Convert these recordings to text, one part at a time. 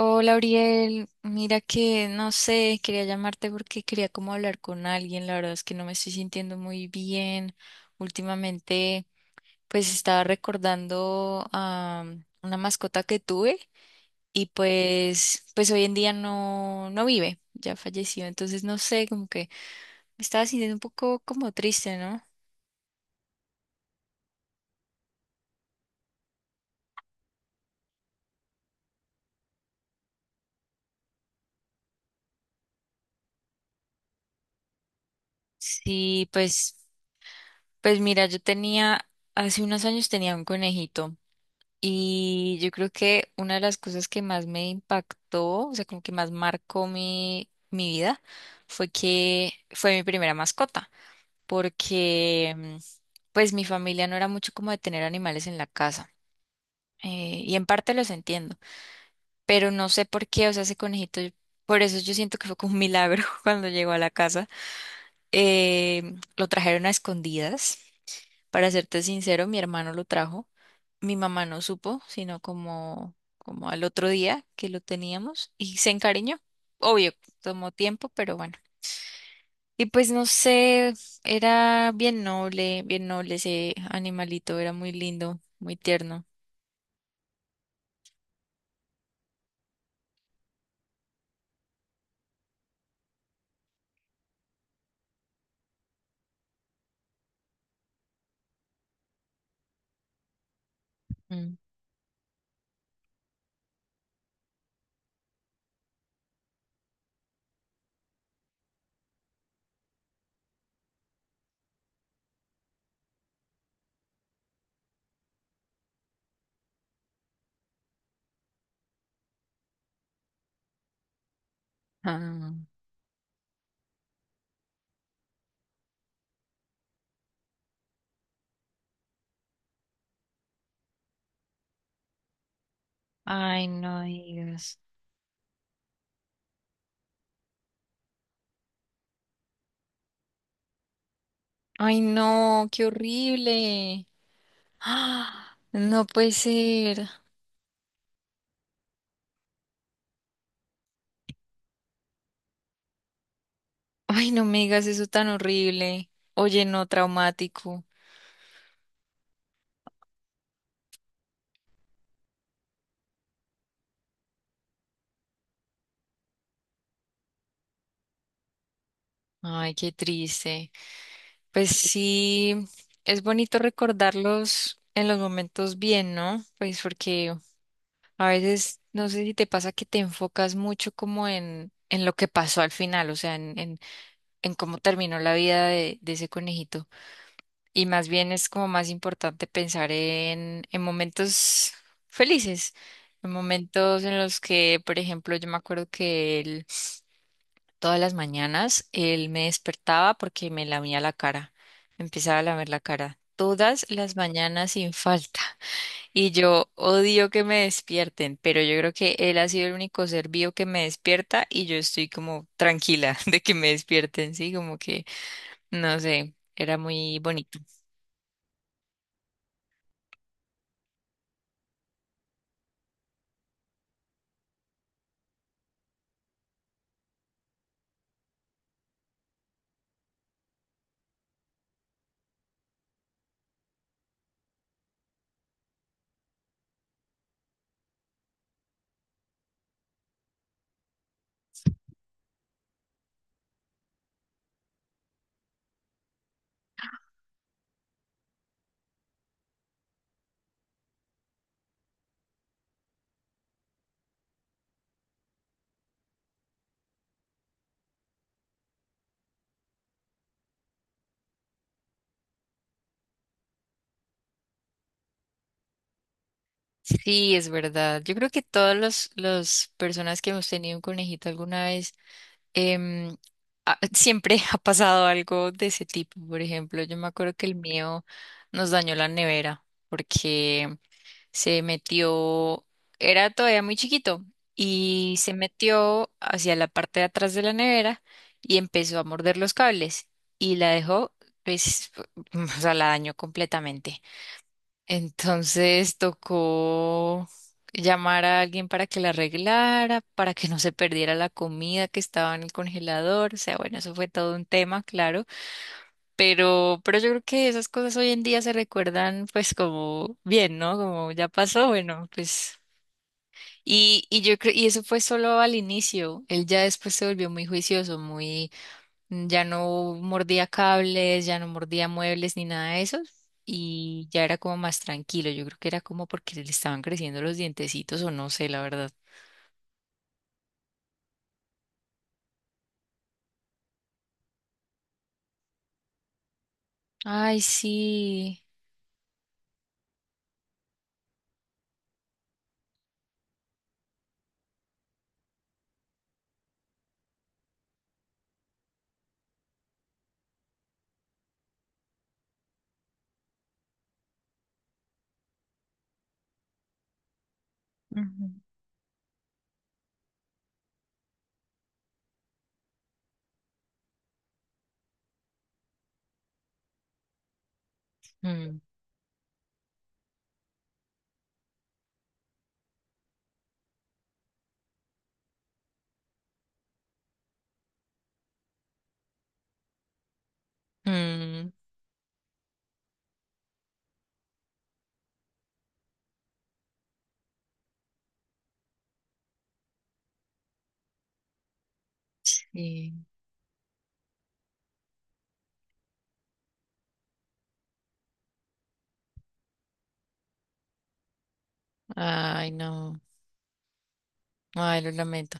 Hola, Uriel. Mira que no sé, quería llamarte porque quería como hablar con alguien. La verdad es que no me estoy sintiendo muy bien. Últimamente, pues estaba recordando a una mascota que tuve y pues hoy en día no vive, ya falleció. Entonces, no sé, como que me estaba sintiendo un poco como triste, ¿no? Sí, pues mira, hace unos años tenía un conejito. Y yo creo que una de las cosas que más me impactó, o sea, como que más marcó mi vida, fue que fue mi primera mascota, porque pues mi familia no era mucho como de tener animales en la casa. Y en parte los entiendo, pero no sé por qué, o sea, ese conejito, por eso yo siento que fue como un milagro cuando llegó a la casa. Lo trajeron a escondidas para serte sincero, mi hermano lo trajo. Mi mamá no supo, sino como, como al otro día que lo teníamos y se encariñó. Obvio, tomó tiempo, pero bueno. Y pues no sé, era bien noble ese animalito, era muy lindo, muy tierno. Mm. Ah. Ay, no digas. Ay, no, qué horrible. ¡Ah! No puede ser. Ay, no me digas eso tan horrible. Oye, no, traumático. Ay, qué triste. Pues sí, es bonito recordarlos en los momentos bien, ¿no? Pues porque a veces, no sé si te pasa que te enfocas mucho como en lo que pasó al final, o sea, en cómo terminó la vida de ese conejito. Y más bien es como más importante pensar en momentos felices, en momentos en los que, por ejemplo, yo me acuerdo que él. Todas las mañanas él me despertaba porque me lamía la cara, me empezaba a lamer la cara. Todas las mañanas sin falta. Y yo odio que me despierten, pero yo creo que él ha sido el único ser vivo que me despierta y yo estoy como tranquila de que me despierten, sí, como que, no sé, era muy bonito. Sí, es verdad. Yo creo que todas las personas que hemos tenido un conejito alguna vez em, siempre ha pasado algo de ese tipo. Por ejemplo, yo me acuerdo que el mío nos dañó la nevera porque se metió, era todavía muy chiquito y se metió hacia la parte de atrás de la nevera y empezó a morder los cables y la dejó, pues, o sea, la dañó completamente. Entonces tocó llamar a alguien para que la arreglara, para que no se perdiera la comida que estaba en el congelador. O sea, bueno, eso fue todo un tema, claro. Pero yo creo que esas cosas hoy en día se recuerdan pues como bien, ¿no? Como ya pasó, bueno, pues. Y yo creo, y eso fue solo al inicio. Él ya después se volvió muy juicioso, muy ya no mordía cables, ya no mordía muebles ni nada de eso. Y ya era como más tranquilo. Yo creo que era como porque le estaban creciendo los dientecitos o no sé, la verdad. Ay, sí. Ujú. Mm, mm, sí. Ay, no. Ay, lo lamento.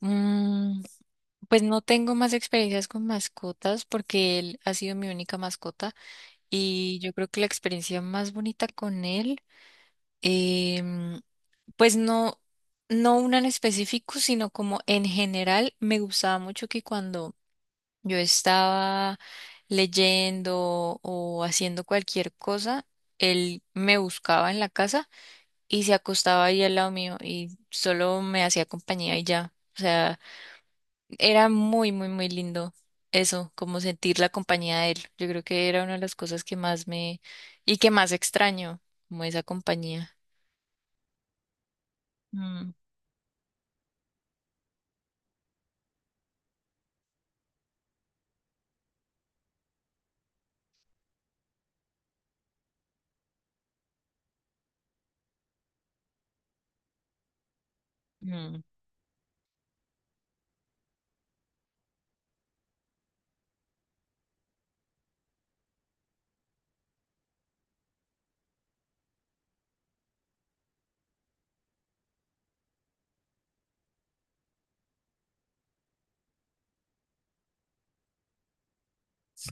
Mm, pues no tengo más experiencias con mascotas porque él ha sido mi única mascota y yo creo que la experiencia más bonita con él. em, Pues no, no una en específico, sino como en general me gustaba mucho que cuando yo estaba leyendo o haciendo cualquier cosa, él me buscaba en la casa y se acostaba ahí al lado mío y solo me hacía compañía y ya. O sea, era muy, muy, muy lindo eso, como sentir la compañía de él. Yo creo que era una de las cosas que más me y que más extraño, como esa compañía. Mm, mm,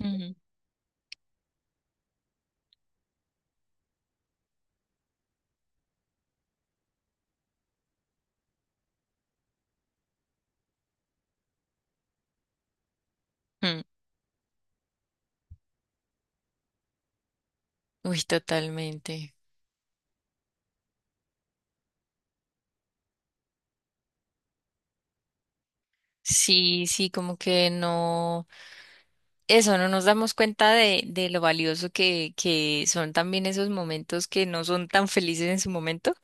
ujú, mm. Uy, totalmente. Sí, sí, como que no, eso, no nos damos cuenta de lo valioso que son también esos momentos que no son tan felices en su momento,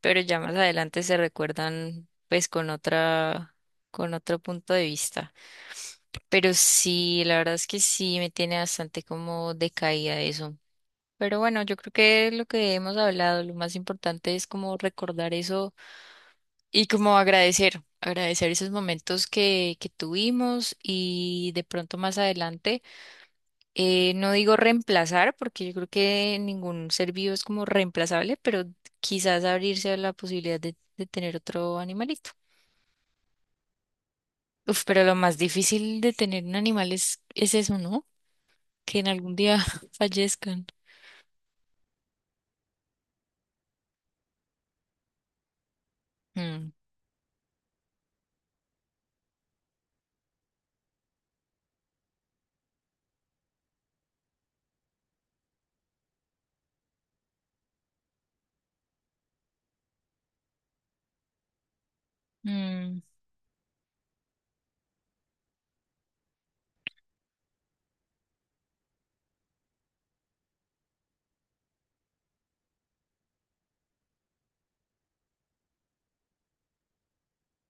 pero ya más adelante se recuerdan pues con otra, con otro punto de vista. Pero sí, la verdad es que sí me tiene bastante como decaída eso. Pero bueno, yo creo que lo que hemos hablado, lo más importante es como recordar eso. Y como agradecer, agradecer esos momentos que tuvimos y de pronto más adelante, no digo reemplazar, porque yo creo que ningún ser vivo es como reemplazable, pero quizás abrirse a la posibilidad de tener otro animalito. Uf, pero lo más difícil de tener un animal es eso, ¿no? Que en algún día fallezcan. Mm, mm.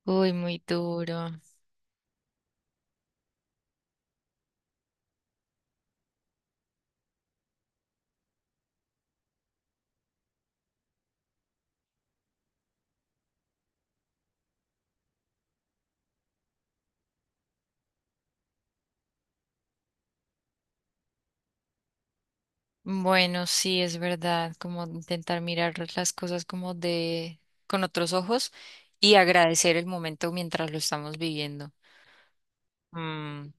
Uy, muy duro. Bueno, sí, es verdad, como intentar mirar las cosas como de con otros ojos y agradecer el momento mientras lo estamos viviendo. Mm,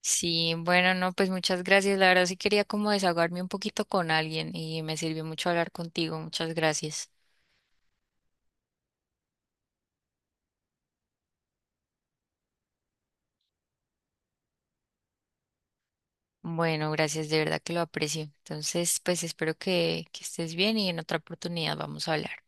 sí, bueno, no, pues muchas gracias. La verdad sí quería como desahogarme un poquito con alguien y me sirvió mucho hablar contigo. Muchas gracias. Bueno, gracias, de verdad que lo aprecio. Entonces, pues espero que estés bien y en otra oportunidad vamos a hablar.